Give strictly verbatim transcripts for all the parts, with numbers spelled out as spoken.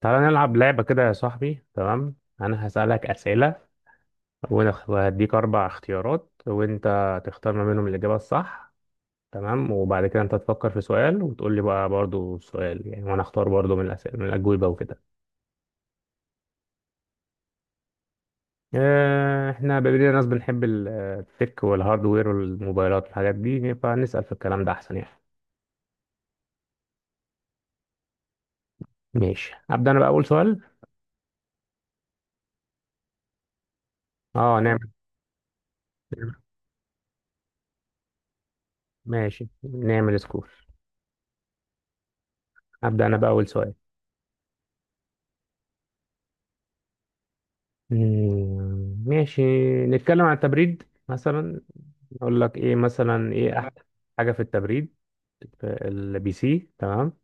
تعالى نلعب لعبة كده يا صاحبي. تمام، أنا هسألك أسئلة ونخ- وهديك أربع اختيارات وأنت تختار ما بينهم الإجابة الصح. تمام، وبعد كده أنت تفكر في سؤال وتقول لي بقى برضو السؤال، يعني وأنا أختار برضو من الأسئلة من الأجوبة وكده. آه، إحنا بما ناس بنحب ال- التك والهاردوير والموبايلات والحاجات دي، فنسأل في الكلام ده أحسن يعني. ماشي، أبدأ أنا بقى أول سؤال. أه نعمل. ماشي نعمل سكور. أبدأ أنا بقى أول سؤال. مم، ماشي. نتكلم عن التبريد مثلا. اقول لك ايه، مثلا ايه تمام احسن؟ حاجه في التبريد في البي سي، تمام؟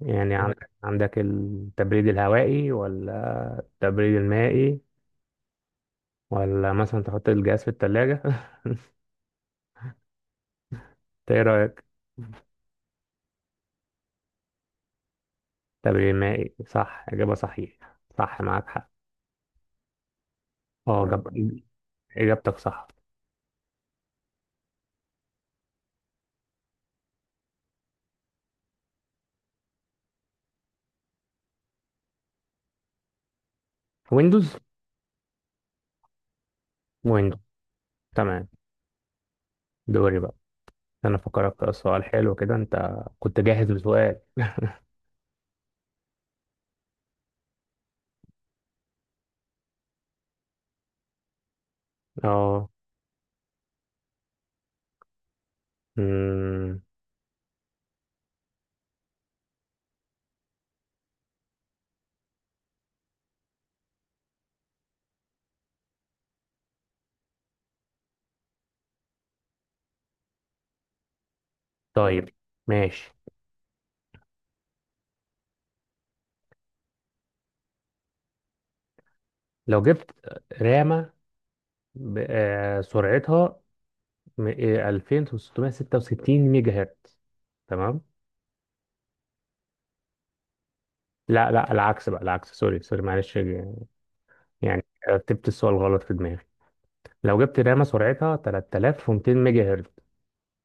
يعني تمام، عندك عندك التبريد الهوائي، ولا التبريد المائي، ولا مثلا تحط الجهاز في الثلاجه؟ انت ايه رايك؟ تبريد مائي، صح، اجابه صحيحه، صح معاك حق. اه تمام. جاب- اجابتك صح. ويندوز. ويندوز. تمام. دوري بقى. انا فكرك في سؤال حلو كده، انت كنت جاهز بسؤال؟ اه. طيب، ماشي. لو جبت رامة، ب- آه، سرعتها، م- آه، ألفين وستمية وستة وستين ميجا هرتز، تمام؟ لا لا، العكس بقى، العكس، سوري سوري معلش، يعني رتبت السؤال غلط في دماغي. لو جبت رامة سرعتها تلاتة آلاف ومتين ميجا هرتز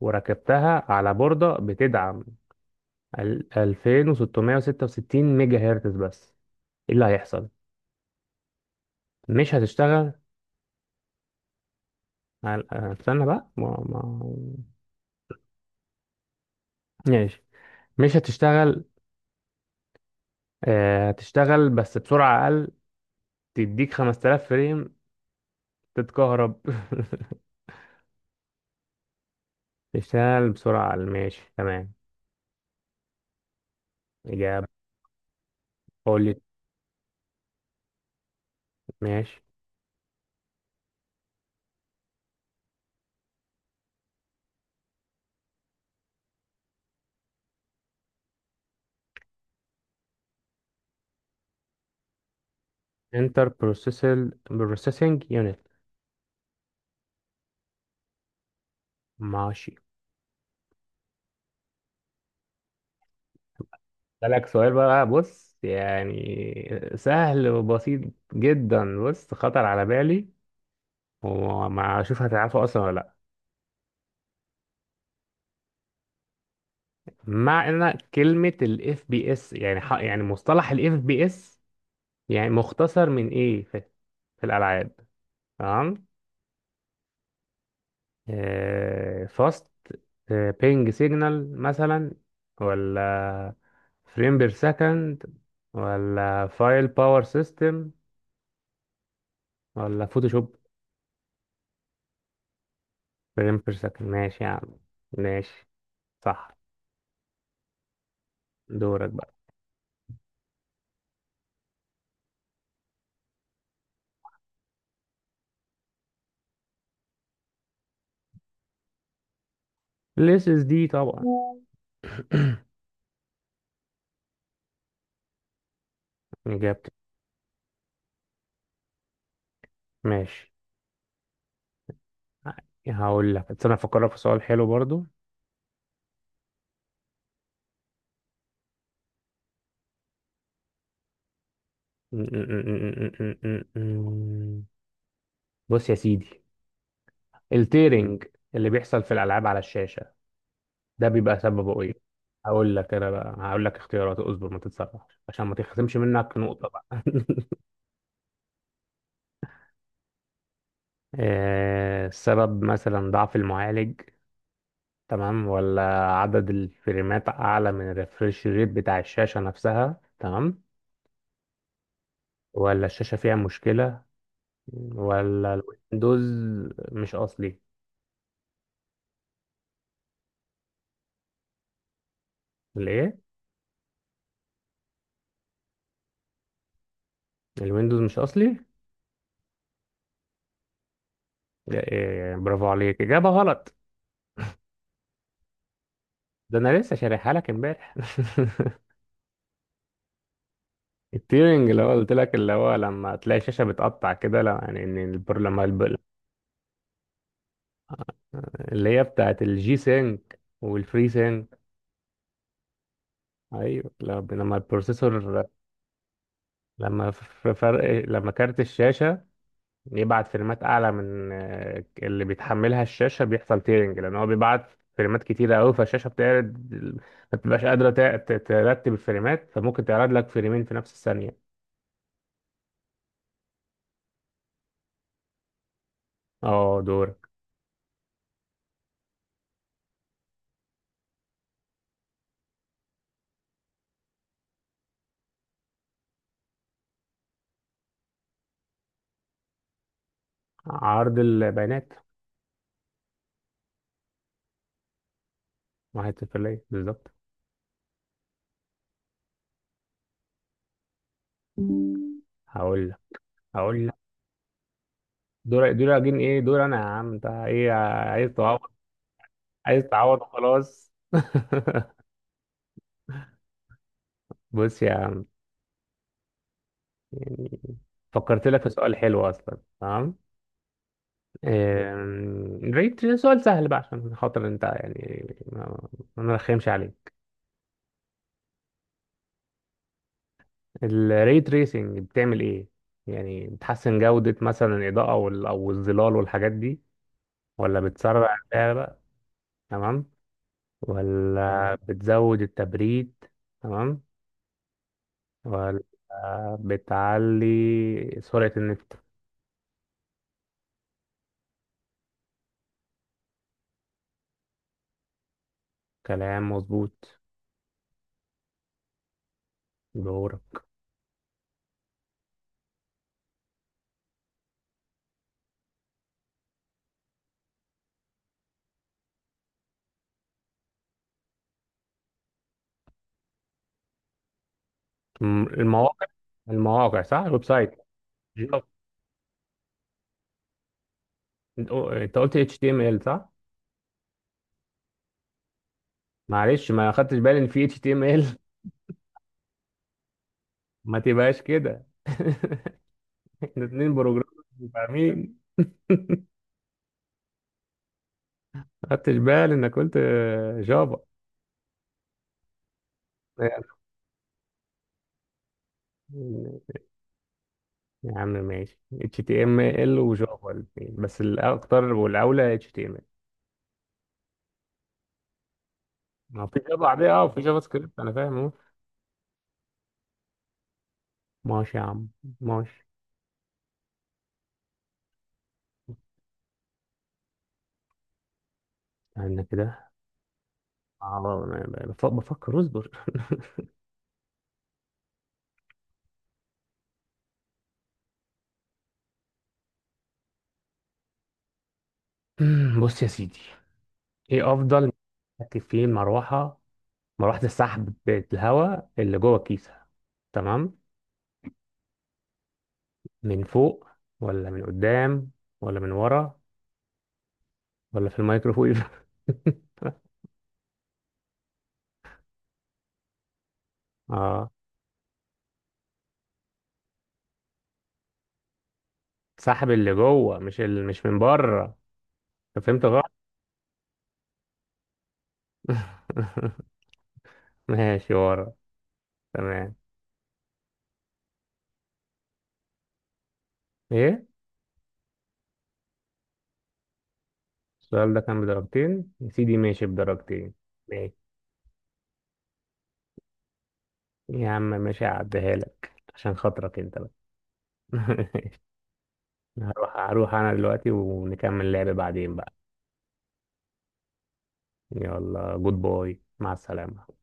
وركبتها على بوردة بتدعم ال- ألفين وستمية وستة وستين ميجا هرتز بس، ايه اللي هيحصل؟ مش هتشتغل؟ على- آه، استنى بقى، ما ما ماشي. مش هتشتغل، آه، هتشتغل بس بسرعة أقل، تديك خمس آلاف فريم، تتكهرب تشتغل بسرعة أقل، ماشي، تمام، إجابة. قولي. ماشي، انتر بروسيسل بروسيسنج يونت. ماشي. لك سؤال بقى، بص يعني سهل وبسيط جدا، بص خطر على بالي، وما اشوف هتعرفه اصلا ولا لا. معنى كلمة الاف بي اس، يعني ح... يعني مصطلح الاف بي اس، يعني مختصر من ايه في, في الالعاب، تمام؟ فاست بينج سيجنال مثلا، ولا فريم بير سكند، ولا فايل باور سيستم، ولا فوتوشوب؟ فريم بير سكند، ماشي يا عم، ماشي، صح. دورك بقى. الاس اس دي طبعا. اجابتك. ماشي، هقول لك، استنى افكرك في سؤال حلو برضو. بص يا سيدي، التيرنج اللي بيحصل في الالعاب على الشاشه، ده بيبقى سببه ايه؟ هقول لك انا بقى، هقول لك اختيارات، اصبر ما تتسرعش عشان ما تخصمش منك نقطة بقى. آه، السبب مثلا ضعف المعالج، تمام، ولا عدد الفريمات اعلى من الريفرش ريت بتاع الشاشة نفسها، تمام، ولا الشاشة فيها مشكلة، ولا الويندوز مش اصلي؟ الايه؟ الويندوز مش اصلي. إيه، برافو عليك، اجابة غلط. ده انا لسه شارحها لك امبارح. التيرنج اللي هو قلت لك، اللي هو لما تلاقي الشاشة بتقطع كده، لا يعني ان البر، لما الب- اللي هي بتاعت الجي سينك والفري سينك. ايوه، لما لما البروسيسور، لما في فرق، لما كارت الشاشة يبعت فريمات اعلى من آه، اللي بيتحملها الشاشة، بيحصل تيرنج، لان هو بيبعت فريمات كتيرة قوي، فالشاشة بتعرض، ما بتبقاش قادرة تع- ت- ترتب الفريمات، فممكن تعرض لك فريمين في نفس الثانية. اه دورك. عرض البيانات. واحد صفر ليا بالظبط. هقول لك، هقول لك. دور دور اجين، ايه؟ دور انا يا عم، انت ايه؟ عايز تعوض؟ عايز تعوض، خلاص. بص يا عم، يعني فكرت لك في سؤال حلو اصلا، تمام. آم، ريت ري- سؤال سهل بقى عشان خاطر انت يعني، ما ما نرخمش عليك. الري تريسنج بتعمل ايه؟ يعني بتحسن جودة مثلا الإضاءة وال- او الظلال والحاجات دي، ولا بتسرع الرؤية بقى، تمام، ولا بتزود التبريد، تمام، ولا بتعلي سرعة النت؟ كلام مظبوط. دورك. م- المواقع. المواقع، صح، الويب سايت، بالظبط. انت قو- انت قلت إتش تي إم إل، صح؟ معلش، ما خدتش بالي ان في إتش تي إم إل. ما تبقاش كده. احنا اتنين بروجرام فاهمين. ما خدتش بالي انك قلت جافا. يا عم ماشي، إتش تي إم إل وجافا الاثنين، بس الاكتر والاولى إتش تي إم إل. ما هو في جافا عادية اه، وفي جافا سكريبت، انا فاهم. ماشي يا عم، ماشي. انا كده على، بف- بفكر، اصبر. بص يا سيدي، ايه افضل تركب فيه المروحه، مروحه السحب بتاعت الهواء اللي جوه الكيسه، تمام؟ من فوق، ولا من قدام، ولا من ورا، ولا في الميكروويف؟ اه، سحب اللي جوه، مش ال... مش من بره، أنت فهمت غلط. ماشي ورا، تمام. ايه؟ السؤال ده كان بدرجتين يا سيدي، ماشي بدرجتين. ماشي يا عم، ماشي، هعديها لك عشان خاطرك انت بقى. هروح، هروح انا دلوقتي، ونكمل لعب بعدين بقى. يلا، جود باي، مع السلامة.